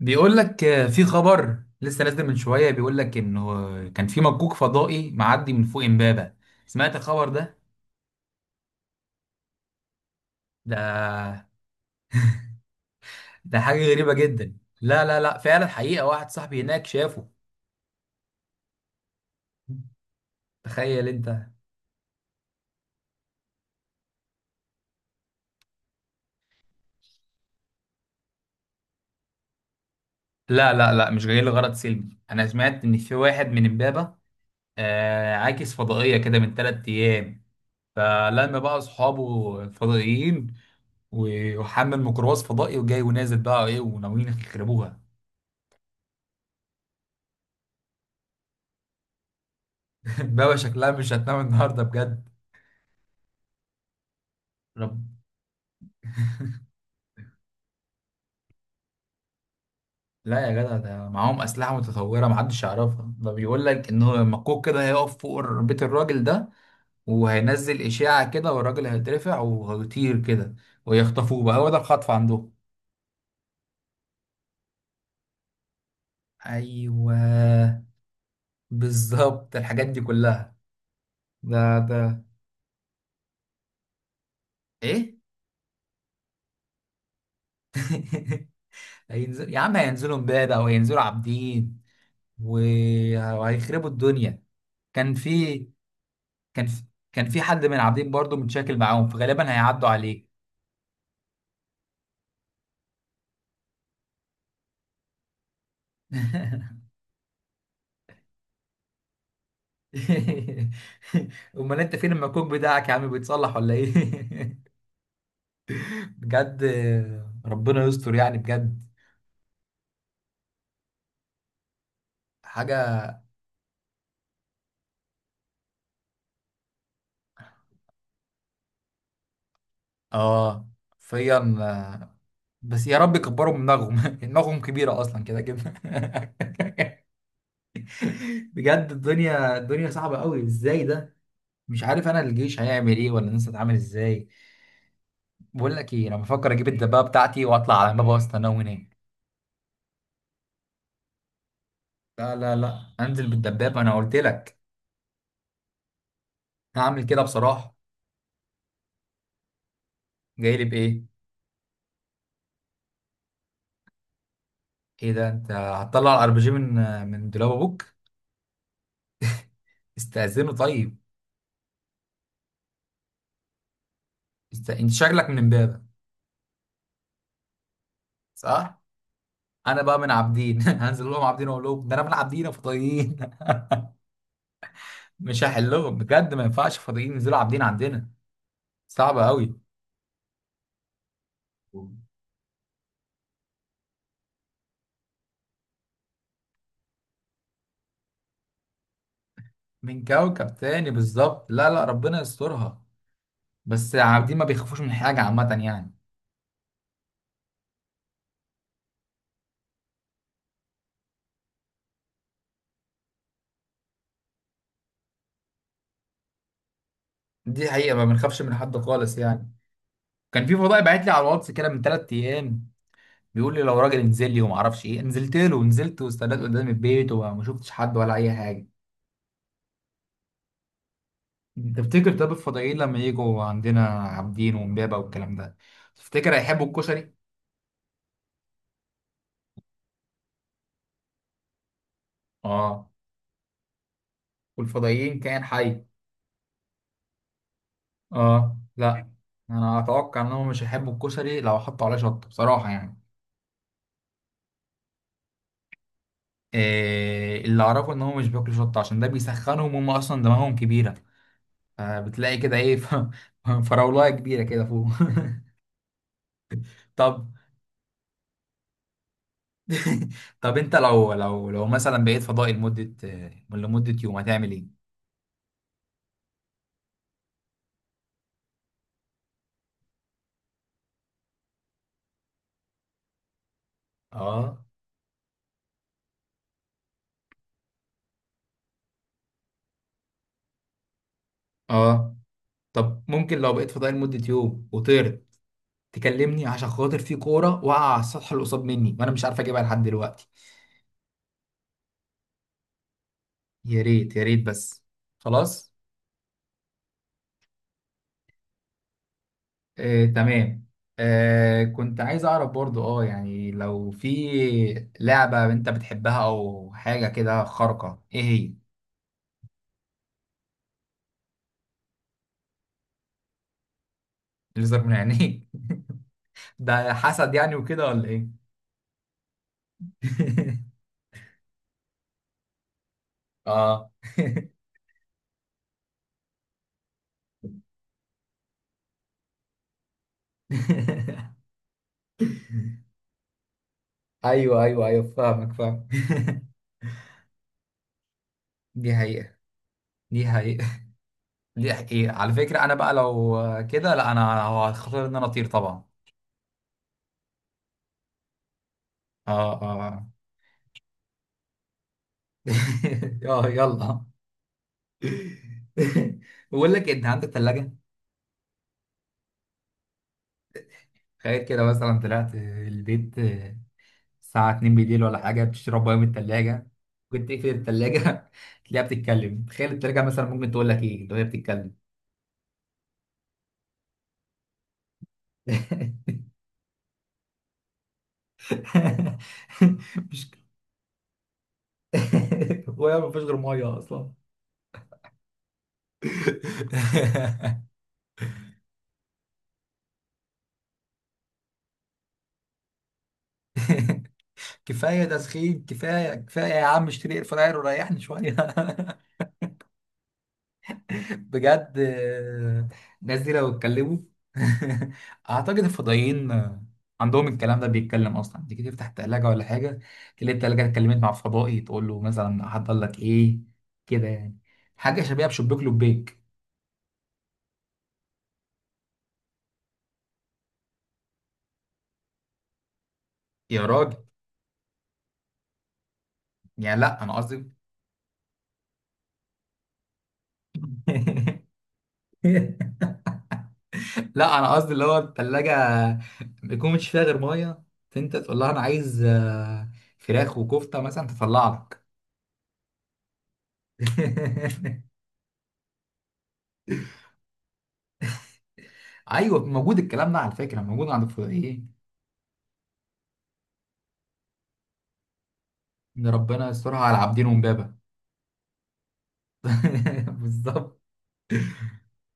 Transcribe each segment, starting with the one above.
بيقول لك في خبر لسه نازل من شوية بيقول لك انه كان في مكوك فضائي معدي من فوق امبابة. سمعت الخبر ده؟ ده ده حاجة غريبة جدا، لا لا لا فعلا حقيقة، واحد صاحبي هناك شافه. تخيل انت. لا لا لا مش جاي لغرض سلمي، انا سمعت ان في واحد من امبابة عاكس فضائية كده من ثلاث ايام، فلما بقى اصحابه فضائيين وحمل ميكروباص فضائي وجاي ونازل بقى ايه وناويين يخربوها. بابا شكلها مش هتنام النهارده بجد. رب. لا يا جدع، ده معاهم أسلحة متطورة محدش يعرفها، ده بيقول لك إن هو مكوك كده هيقف فوق بيت الراجل ده وهينزل إشاعة كده، والراجل هيترفع وهيطير كده ويخطفوه بقى، هو ده الخطف عندهم. أيوه بالظبط الحاجات دي كلها. ده. إيه؟ هينزل يا عم، هينزلوا امبابة أو هينزلوا عابدين وهيخربوا الدنيا. كان في كان في كان في حد من عابدين برضو متشاكل معاهم، فغالبا هيعدوا عليك. امال انت فين المكوك بتاعك يا عم، بيتصلح ولا ايه؟ بجد ربنا يستر يعني بجد. حاجه. اه. فيا آه، بس يا رب يكبروا من دماغهم. دماغهم كبيره اصلا كده كده. بجد الدنيا، الدنيا صعبه قوي ازاي ده. مش عارف انا الجيش هيعمل ايه ولا الناس هتعمل ازاي. بقول لك ايه، انا بفكر اجيب الدبابه بتاعتي واطلع على مبا، وسط انا وهناك. لا لا لا انزل بالدبابة انا قلت لك، هعمل كده بصراحة. جاي لي بايه؟ ايه ده، انت هتطلع الار بي جي من دولاب ابوك؟ استأذنه طيب. انت شكلك من امبابة. صح. انا بقى من عابدين. هنزل لهم عابدين اقول لهم ده انا من عابدين يا فضائيين. مش هحلهم بجد، ما ينفعش فضائيين ينزلوا عابدين عندنا. صعبة قوي. من كوكب تاني بالظبط، لا لا ربنا يسترها. بس عابدين ما بيخافوش من حاجة عامة يعني. دي حقيقة، ما بنخافش من حد خالص يعني. كان في فضائي باعت لي على الواتس كده من ثلاث ايام، بيقول لي لو راجل انزل لي وما اعرفش ايه، نزلت له ونزلت واستنيت قدام البيت وما شفتش حد ولا اي حاجه. تفتكر طب الفضائيين لما يجوا عندنا عابدين وامبابه والكلام ده، تفتكر هيحبوا الكشري؟ اه. والفضائيين كائن حي. اه لا، انا اتوقع انهم مش هيحبوا الكشري لو حطوا عليه شطه بصراحه يعني. إيه اللي اعرفه ان هم مش بياكلوا شطه عشان ده بيسخنهم، هم اصلا دماغهم كبيره، فبتلاقي كده ايه فراولايه كبيره كده فوق. طب. طب انت لو لو مثلا بقيت فضائي لمدة، لمدة يوم، هتعمل ايه؟ اه اه. طب ممكن لو بقيت فضائي لمدة يوم وطرت تكلمني، عشان خاطر في كورة واقعة على السطح اللي قصاد مني وانا مش عارف اجيبها لحد دلوقتي. يا ريت يا ريت بس. خلاص. آه تمام. آه كنت عايز اعرف برضو اه يعني، لو في لعبة انت بتحبها او حاجة كده خارقة، ايه هي؟ الليزر من عينيك؟ ده حسد يعني وكده ولا ايه؟ اه. ايوه ايوه ايوه فاهمك فاهم. دي حقيقة. دي حقيقة. دي حقيقة على فكرة، انا بقى لو كده، لا انا هو هختار ان انا اطير طبعا. اه اه. اه يلا. بقول لك إيه، انت عندك ثلاجة؟ تخيل كده مثلا طلعت البيت الساعة 2 بالليل ولا حاجة بتشرب ميه من الثلاجة، كنت تقفل الثلاجة تلاقيها بتتكلم، تخيل الثلاجة مثلا ممكن تقول لك ايه لو هي بتتكلم؟ مش. هو ما فيش غير ميه اصلا. كفايه تسخين، كفايه كفايه يا عم اشتري اير فراير وريحني شويه. بجد الناس دي لو اتكلموا. اعتقد الفضائيين عندهم الكلام ده بيتكلم اصلا، تيجي تفتح التلاجة ولا حاجه، تلاقي التلاجة اتكلمت مع فضائي تقول له مثلا هحضر لك ايه كده يعني، حاجه شبيهه بشبيك لبيك. يا راجل يعني لا انا قصدي. لا انا قصدي اللي هو الثلاجه ما يكون مش فيها غير ميه، فانت تقول لها انا عايز فراخ وكفته مثلا تطلع لك. ايوه موجود الكلام ده على فكره، موجود عند الفضائيين. ان ربنا يسترها على عابدين ومبابه. بالظبط.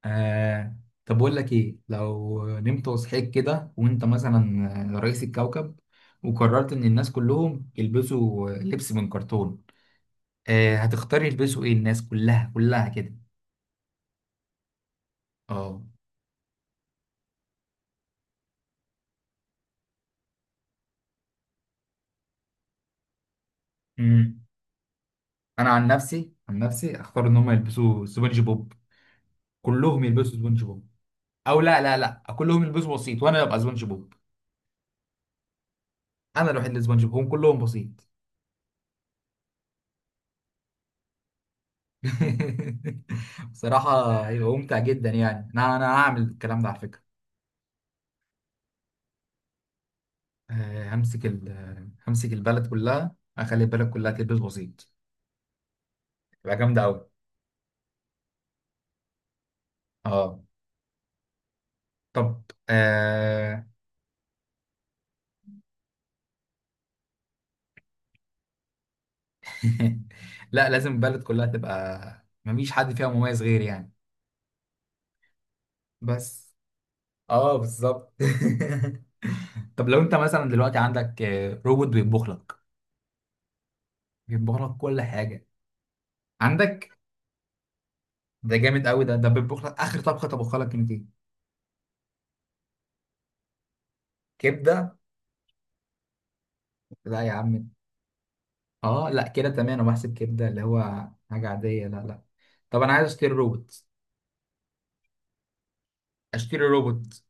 آه. طب بقول لك ايه، لو نمت وصحيت كده وانت مثلا رئيس الكوكب وقررت ان الناس كلهم يلبسوا لبس من كرتون، آه هتختار يلبسوا ايه الناس كلها، كلها كده. اه انا عن نفسي، عن نفسي اختار ان هم يلبسوا سبونج بوب، كلهم يلبسوا سبونج بوب. او لا لا لا، كلهم يلبسوا بسيط وانا ابقى سبونج بوب. انا الوحيد اللي سبونج بوب، هم كلهم بسيط. بصراحة هيبقى ممتع جدا يعني، انا انا هعمل الكلام ده على فكرة. همسك ال، همسك البلد كلها، اخلي البلد كلها تلبس بسيط، تبقى جامدة قوي. اه. طب. آه... لا لازم البلد كلها تبقى مفيش حد فيها مميز غيري يعني. بس. اه بالظبط. طب لو انت مثلا دلوقتي عندك روبوت بيطبخ لك، بيطبخ لك كل حاجه. عندك؟ ده جامد قوي ده بيطبخ لك اخر طبخه طبخها لك انت؟ كبده. لا يا عم. اه لا كده تمام، انا بحسب كبده اللي هو حاجه عاديه، لا لا. طب انا عايز اشتري روبوت. اشتري روبوت.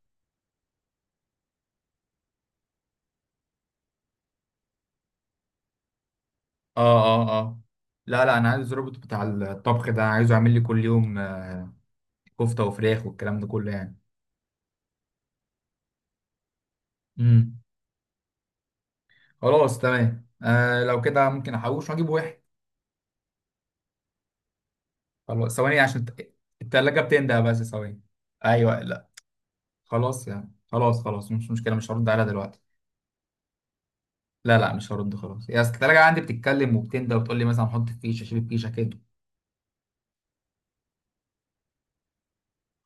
اه اه اه. لا لا انا عايز روبوت بتاع الطبخ ده، عايزه يعمل لي كل يوم كفته وفراخ والكلام ده كله يعني. امم خلاص تمام، آه لو كده ممكن احوش واجيب واحد. خلاص ثواني عشان التلاجة بتنده، بس ثواني. ايوه لا. خلاص يعني، خلاص خلاص مش مشكلة، مش هرد عليها دلوقتي. لا لا مش هرد خلاص، يا اصل التلاجة عندي بتتكلم وبتنده وتقول لي مثلا حط فيشة شيل فيشة كده.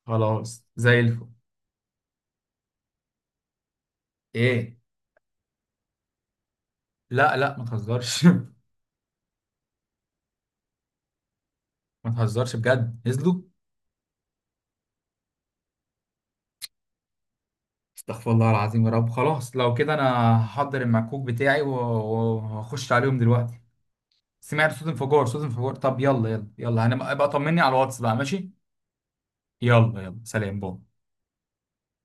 خلاص زي الفل. ايه؟ لا لا ما تهزرش. ما تهزرش بجد نزلوا؟ استغفر الله العظيم، يا رب خلاص لو كده انا هحضر المكوك بتاعي وهخش عليهم دلوقتي. سمعت صوت انفجار، صوت انفجار. طب يلا يلا يلا، هنبقى بقى طمني على الواتس بقى ماشي. يلا يلا سلام باي.